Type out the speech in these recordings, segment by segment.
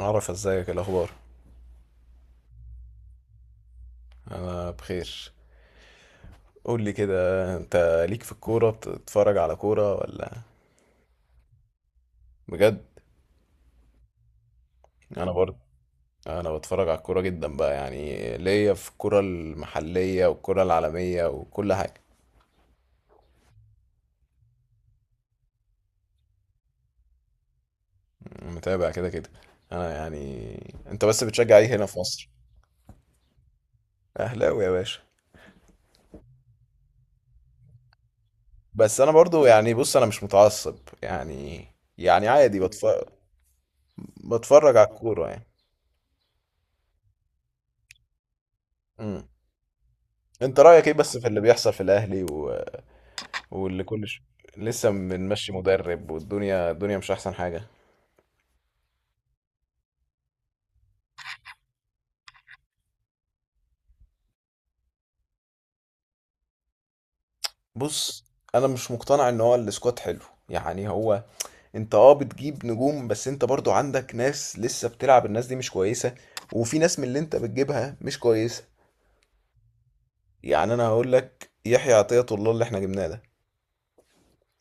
عرف ازيك، إيه الاخبار؟ آه بخير. قول لي كده، انت ليك في الكوره؟ بتتفرج على كوره ولا؟ بجد؟ انا برضه انا بتفرج على الكوره جدا بقى، يعني ليا في الكوره المحليه والكوره العالميه وكل حاجه. متابع كده كده. انا يعني انت بس بتشجع ايه هنا في مصر؟ اهلاوي يا باشا. بس انا برضو، يعني بص، انا مش متعصب يعني. يعني عادي بتفرج، بتفرج على الكوره يعني. امم. انت رايك ايه بس في اللي بيحصل في الاهلي؟ واللي كل ش... لسه بنمشي مدرب، والدنيا الدنيا مش احسن حاجه. بص، انا مش مقتنع ان هو السكواد حلو. يعني هو انت اه بتجيب نجوم، بس انت برضو عندك ناس لسه بتلعب، الناس دي مش كويسه، وفي ناس من اللي انت بتجيبها مش كويسه. يعني انا هقول لك يحيى عطية الله اللي احنا جبناه ده.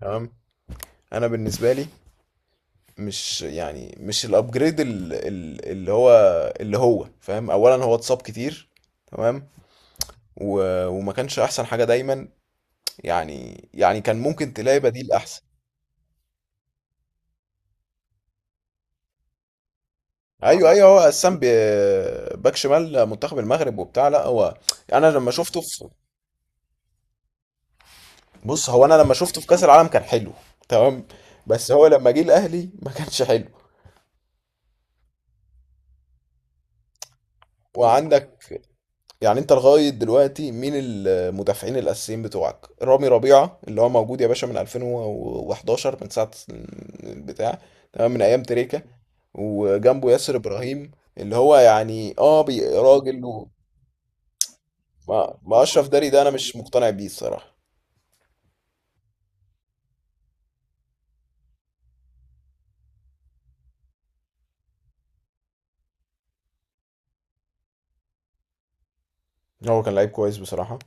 تمام. انا بالنسبه لي مش يعني مش الابجريد اللي هو، اللي هو فاهم. اولا هو اتصاب كتير، تمام، و... وما كانش احسن حاجه دايما. يعني كان ممكن تلاقي بديل احسن. ايوه ايوه، هو قسام باك شمال منتخب المغرب وبتاع، لا هو انا لما شفته في، بص هو انا لما شفته في كاس العالم كان حلو، تمام، بس هو لما جه الاهلي ما كانش حلو. وعندك، يعني انت لغايه دلوقتي مين المدافعين الاساسيين بتوعك؟ رامي ربيعه اللي هو موجود يا باشا من 2011، من ساعه البتاع، تمام، من ايام تريكه. وجنبه ياسر ابراهيم اللي هو يعني اه راجل. ما اشرف داري ده انا مش مقتنع بيه الصراحه. هو كان لعيب كويس بصراحه.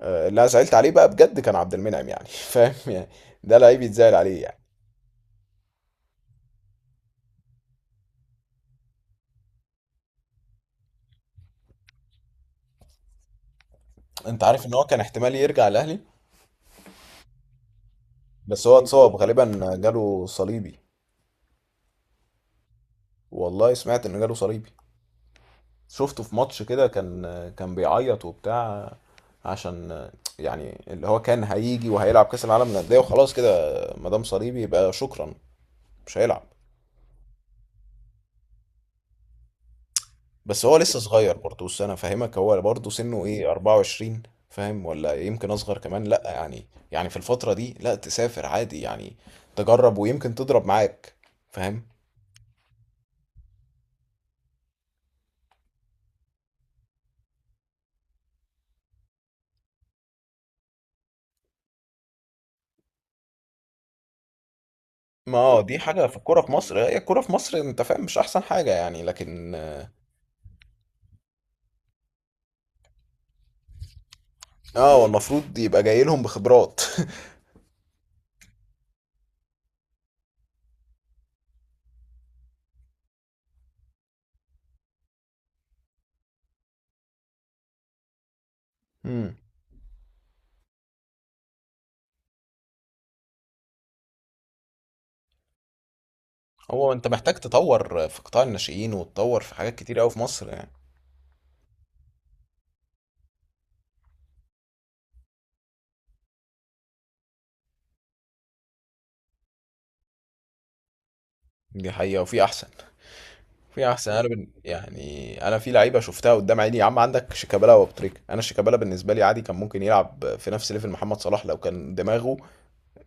آه، اللي انا زعلت عليه بقى بجد كان عبد المنعم، يعني فاهم يعني، ده لعيب يتزعل عليه يعني. انت عارف ان هو كان احتمال يرجع الاهلي؟ بس هو اتصاب، غالبا جاله صليبي. والله سمعت ان جاله صليبي، شفته في ماتش كده كان، كان بيعيط وبتاع. عشان يعني اللي هو كان هيجي وهيلعب كاس العالم للانديه وخلاص كده، ما دام صليبي يبقى شكرا، مش هيلعب. بس هو لسه صغير برضه، بس انا فاهمك، هو برضه سنه ايه، 24؟ فاهم؟ ولا يمكن اصغر كمان، لا يعني. يعني في الفترة دي لا تسافر عادي يعني، تجرب، ويمكن تضرب معاك. فاهم. ما آه، دي حاجة في الكورة في مصر، هي الكورة في مصر انت فاهم مش احسن حاجة يعني، لكن اه هو المفروض يبقى جاي لهم بخبرات. امم. هو انت محتاج تطور في قطاع الناشئين، وتطور في حاجات كتير قوي في مصر يعني. دي حقيقة، وفي احسن، في احسن. يعني انا في لعيبه شفتها قدام عيني يا عم. عندك شيكابالا وابتريكا. انا شيكابالا بالنسبه لي عادي كان ممكن يلعب في نفس ليفل محمد صلاح لو كان دماغه،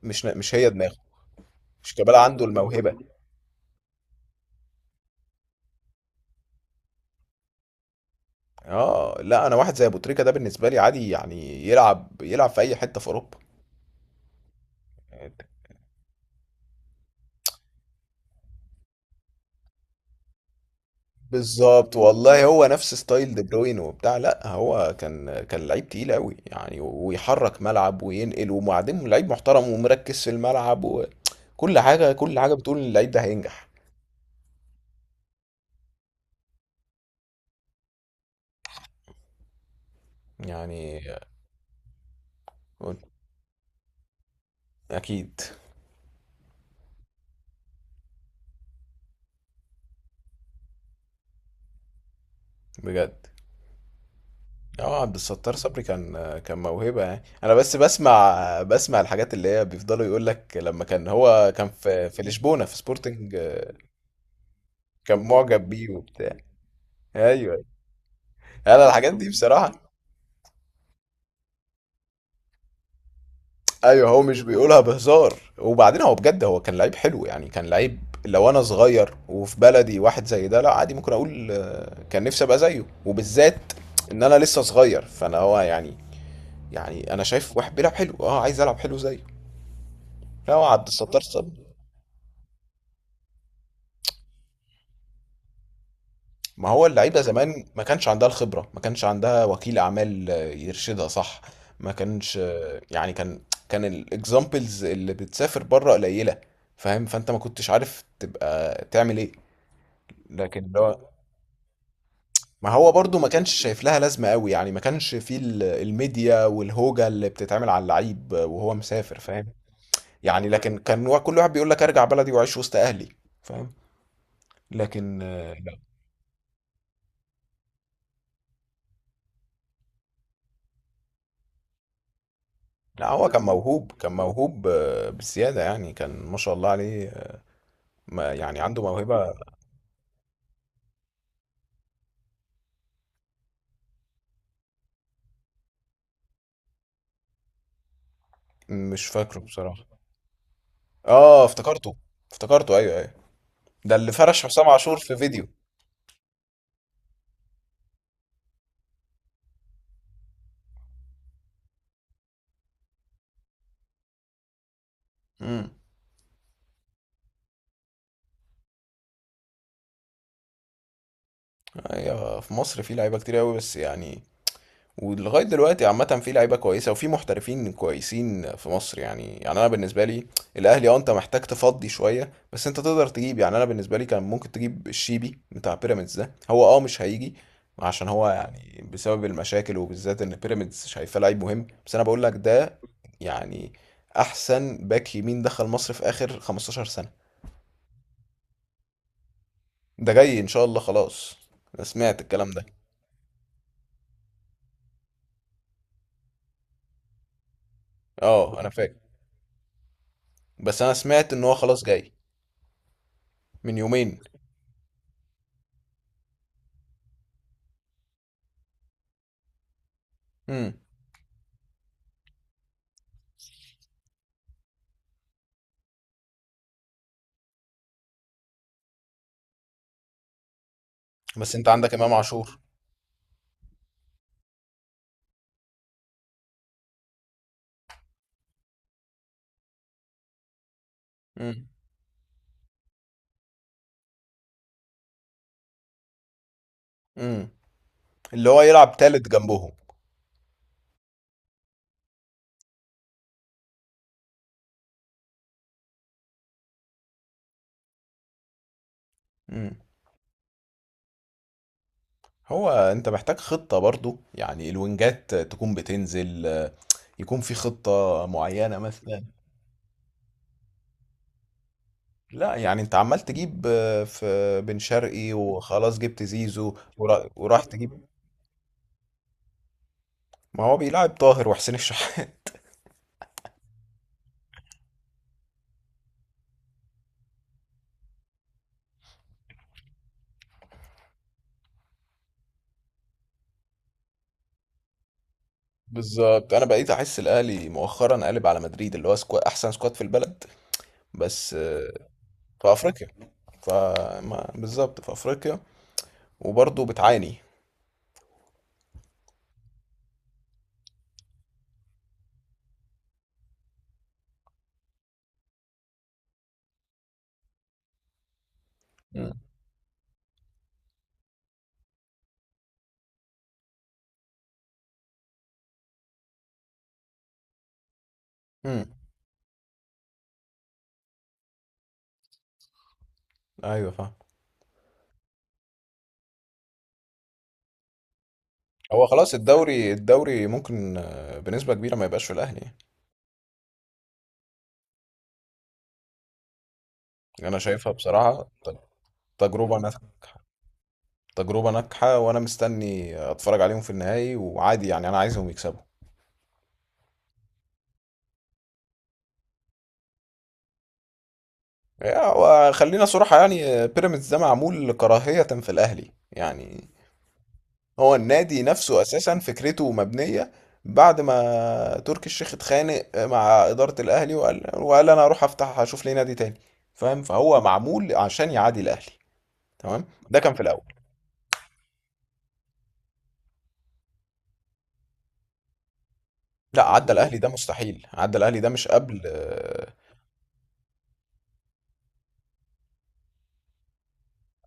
مش هي دماغه. شيكابالا عنده الموهبه. اه لا، انا واحد زي ابو تريكه ده بالنسبه لي عادي يعني يلعب، يلعب في اي حته في اوروبا. بالظبط، والله هو نفس ستايل دي بروين وبتاع، لا هو كان، كان لعيب تقيل قوي يعني، ويحرك ملعب وينقل، وبعدين لعيب محترم ومركز في الملعب، وكل حاجه، كل حاجه بتقول إن اللعيب ده هينجح يعني. اكيد. بجد. اه عبد الستار صبري كان، كان موهبه يعني. انا بس بسمع، بسمع الحاجات اللي هي بيفضلوا يقول لك لما كان هو كان في في لشبونه، في سبورتنج، آه، كان معجب بيه وبتاع. ايوه. انا الحاجات دي بصراحه، ايوه. هو مش بيقولها بهزار. وبعدين هو بجد هو كان لعيب حلو يعني، كان لعيب لو انا صغير وفي بلدي واحد زي ده، لا عادي ممكن اقول آه، كان نفسي ابقى زيه، وبالذات ان انا لسه صغير، فانا هو يعني، يعني أنا شايف واحد بيلعب حلو، آه عايز ألعب حلو زيه. لا هو عبد الستار صب. ما هو اللعيبة زمان ما كانش عندها الخبرة، ما كانش عندها وكيل أعمال آه، يرشدها صح. ما كانش آه، يعني كان، كان الاكزامبلز اللي بتسافر بره قليلة. فاهم؟ فأنت ما كنتش عارف تبقى تعمل إيه. لكن اللي هو، ما هو برضو ما كانش شايف لها لازمة قوي يعني، ما كانش فيه الميديا والهوجة اللي بتتعمل على اللعيب وهو مسافر. فاهم؟ يعني لكن كان كل واحد بيقول لك ارجع بلدي واعيش وسط اهلي. فاهم؟ لكن آه، لا. لا هو كان موهوب، كان موهوب آه، بزيادة يعني، كان ما شاء الله عليه آه، ما يعني عنده موهبة. مش فاكره بصراحة. اه افتكرته، افتكرته، ايوه ايوه، ده اللي فرش حسام عاشور في فيديو. امم. ايوه، في مصر في لعيبة كتير قوي بس يعني. ولغايه دلوقتي عامه في لعيبه كويسه وفي محترفين كويسين في مصر يعني. يعني انا بالنسبه لي الاهلي اه انت محتاج تفضي شويه، بس انت تقدر تجيب. يعني انا بالنسبه لي كان ممكن تجيب الشيبي بتاع بيراميدز ده. هو اه مش هيجي عشان هو يعني بسبب المشاكل، وبالذات ان بيراميدز شايفاه لعيب مهم، بس انا بقول لك ده يعني احسن باك يمين دخل مصر في اخر 15 سنه. ده جاي ان شاء الله خلاص، انا سمعت الكلام ده. اه انا فاكر. بس انا سمعت ان هو خلاص جاي من يومين. بس انت عندك امام عاشور. امم. امم. اللي هو يلعب تالت جنبهم. امم. هو انت محتاج خطة برضو، يعني الوينجات تكون بتنزل آه، يكون في خطة معينة مثلا. لا يعني انت عمال تجيب آه، في بن شرقي وخلاص، جبت زيزو وراح تجيب. ما هو بيلعب طاهر وحسين الشحات. بالظبط، انا بقيت احس الاهلي مؤخرا قالب على مدريد، اللي هو سكواد احسن سكواد في البلد، بس آه، في افريقيا. فما بالظبط في افريقيا، وبرضه بتعاني. مم. مم. ايوه فاهم. هو بس خلاص الدوري، الدوري ممكن آه، بنسبة كبيرة ما يبقاش في الأهلي. يعني، أنا شايفها بصراحة تجربة ناجحة، تجربة ناجحة، وأنا مستني أتفرج عليهم في النهائي، وعادي يعني أنا عايزهم يكسبوا. يعني، آه، وخلينا صراحة يعني آه، بيراميدز ده معمول كراهية في الأهلي يعني. هو النادي نفسه اساسا فكرته مبنيه بعد ما تركي الشيخ اتخانق مع اداره الاهلي، وقال انا هروح افتح هشوف لي نادي تاني. فاهم؟ فهو معمول عشان يعادي الاهلي، تمام. ده كان في الاول. لا، عدى الاهلي ده مستحيل، عدى الاهلي ده مش قبل آه.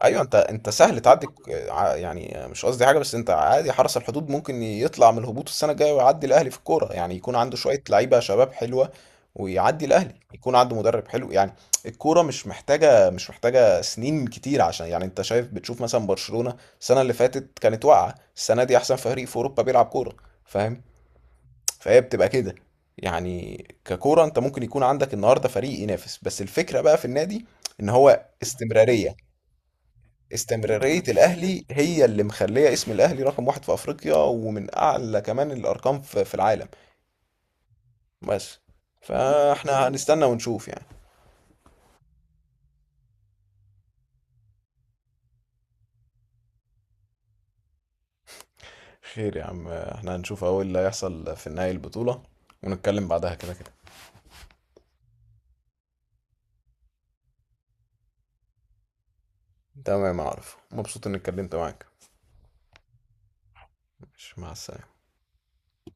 ايوه، انت انت سهل تعدي يعني مش قصدي حاجه، بس انت عادي حرس الحدود ممكن يطلع من الهبوط السنه الجايه ويعدي الاهلي في الكوره يعني، يكون عنده شويه لعيبه شباب حلوه، ويعدي الاهلي، يكون عنده مدرب حلو يعني. الكوره مش محتاجه سنين كتير، عشان يعني انت شايف، بتشوف مثلا برشلونه السنه اللي فاتت كانت واقعه، السنه دي احسن فريق في اوروبا بيلعب كوره. فاهم؟ فهي بتبقى كده يعني. ككوره انت ممكن يكون عندك النهارده فريق ينافس، بس الفكره بقى في النادي ان هو استمراريه. استمرارية الأهلي هي اللي مخلية اسم الأهلي رقم واحد في أفريقيا، ومن أعلى كمان الأرقام في العالم. بس، فاحنا هنستنى ونشوف يعني. خير يا عم، احنا هنشوف أول اللي هيحصل في نهاية البطولة ونتكلم بعدها كده كده. تمام يا عارف، مبسوط إني اتكلمت معاك. ماشي، مع السلامة.